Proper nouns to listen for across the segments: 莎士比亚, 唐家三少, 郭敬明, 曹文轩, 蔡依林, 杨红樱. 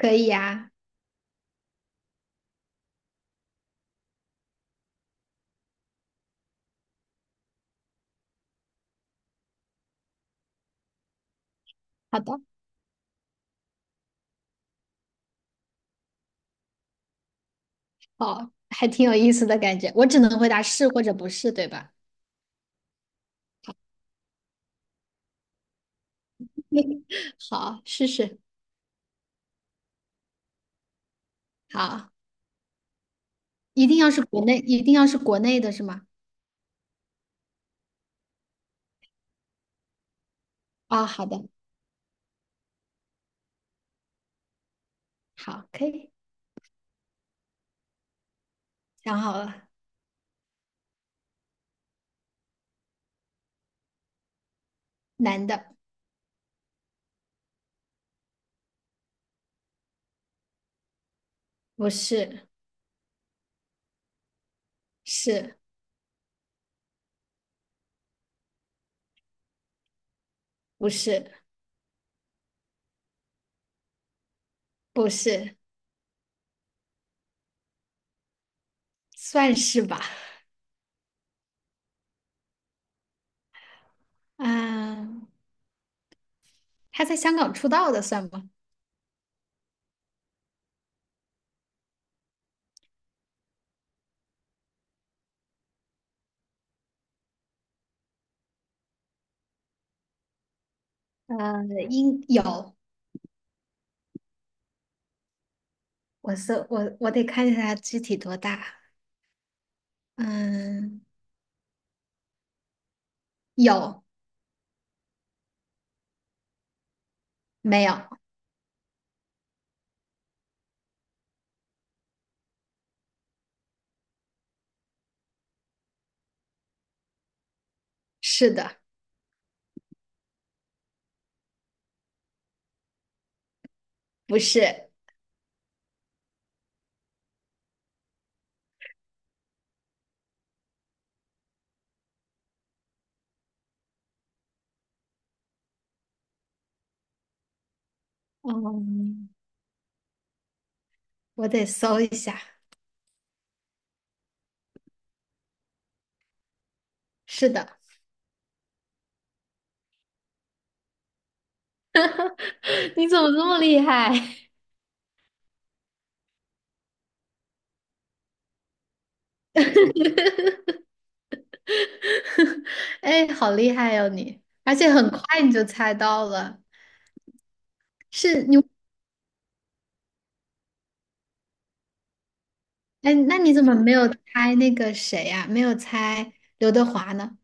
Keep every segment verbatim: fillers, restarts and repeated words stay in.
可以呀，好的，好，还挺有意思的感觉。我只能回答是或者不是，对吧？好，试试。好，一定要是国内，一定要是国内的是吗？啊、好的，好，可以，想好了。男的，不是，是，不是，不是，算是吧。嗯，他在香港出道的算吗？呃，应有，我是我，我得看一下他具体多大。嗯，有，没有？是的。不是，嗯，我得搜一下。是的，你怎么这么厉害？哎，好厉害哟、你，而且很快你就猜到了。是你，哎，那你怎么没有猜那个谁呀、没有猜刘德华呢？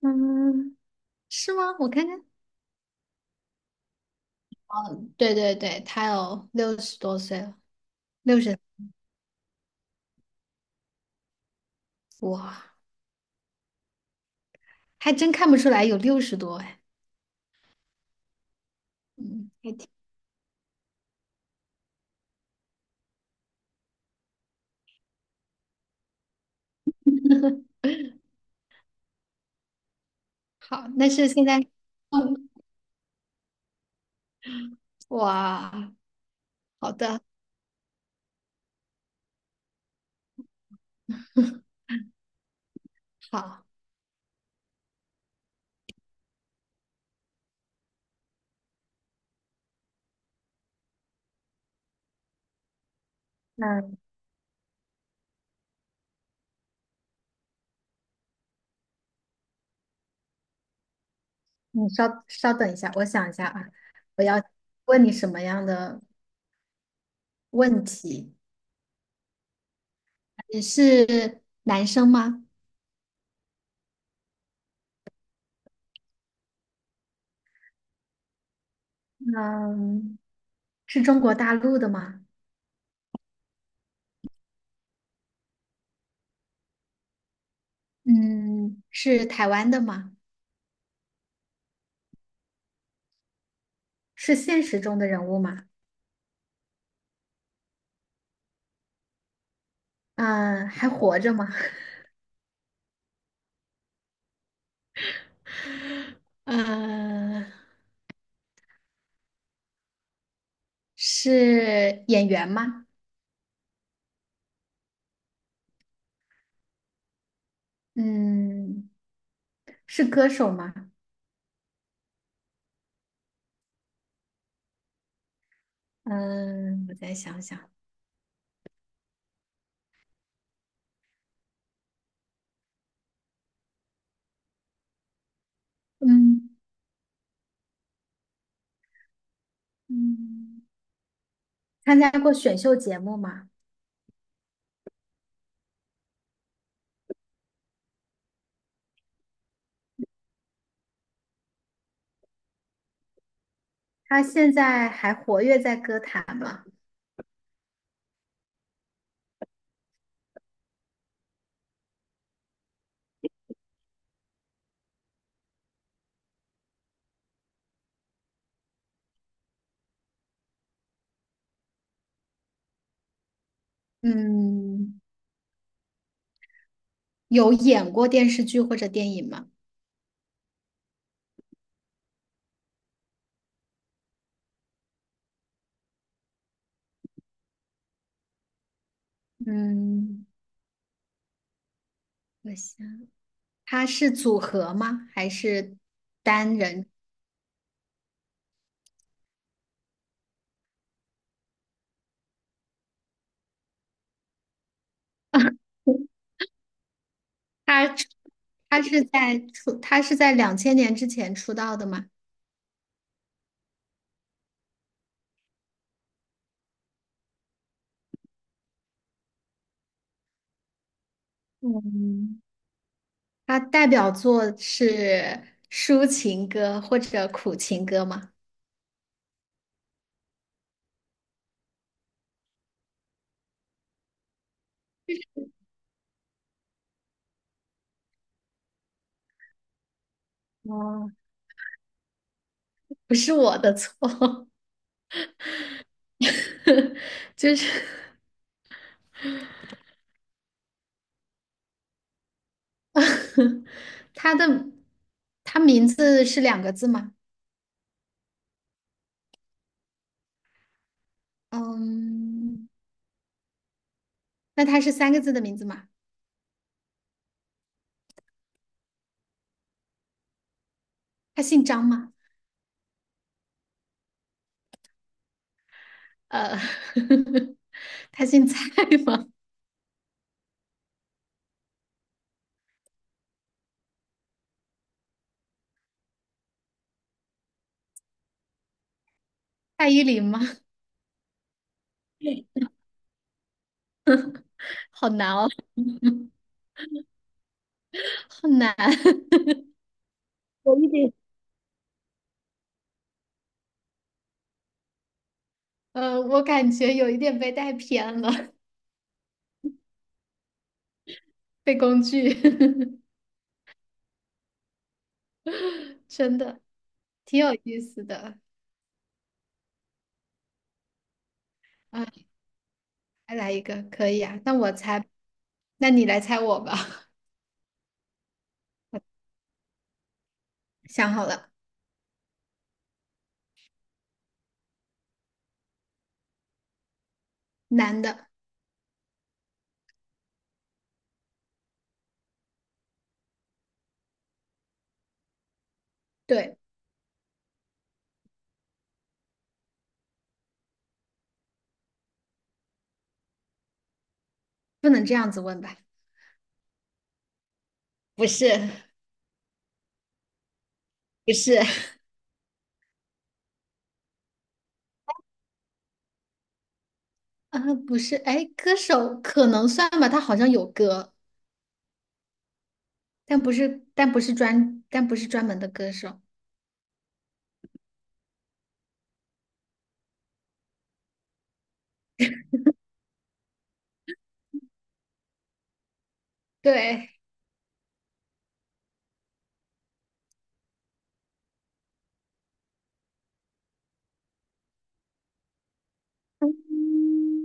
嗯，是吗？我看看。对对对，他有六十多岁了，六十，哇，还真看不出来有六十多哎。嗯，还挺好。那是现在，嗯。哇，好的，好，那你稍稍等一下，我想一下啊，我要问你什么样的问题？你是男生吗？嗯，是中国大陆的吗？嗯，是台湾的吗？是现实中的人物吗？嗯，还活着吗？嗯，是演员吗？嗯，是歌手吗？嗯，我再想想，嗯嗯。参加过选秀节目吗？他现在还活跃在歌坛吗？嗯，有演过电视剧或者电影吗？嗯，我想他是组合吗？还是单人？他他是在出他是在两千年之前出道的吗？嗯，他代表作是抒情歌或者苦情歌吗？哦，不是我的错，就是 他的他名字是两个字吗？嗯，那他是三个字的名字吗？他姓张吗？呃，他姓蔡吗？蔡依林吗？好难哦，好难。有一点，呃，我感觉有一点被带偏了，被工具，真的挺有意思的。啊，再来一个，可以啊。那我猜，那你来猜我吧。想好了，男的，对，不能这样子问吧？不是不是，啊，不是，哎，歌手可能算吧，他好像有歌，但不是，但不是专，但不是专门的歌手。对，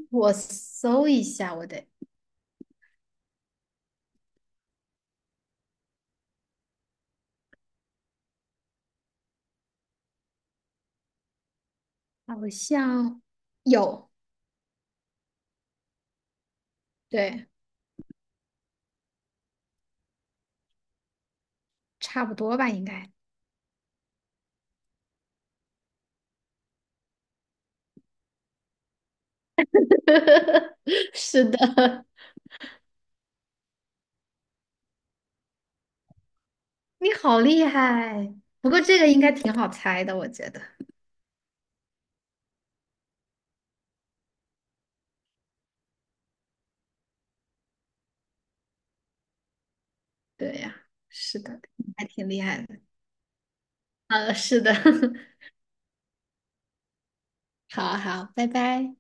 我搜一下，我得，好像有，对，差不多吧，应该。是的，你好厉害，不过这个应该挺好猜的，我觉得。对呀，是的，还挺厉害的。呃，是的，好好，拜拜。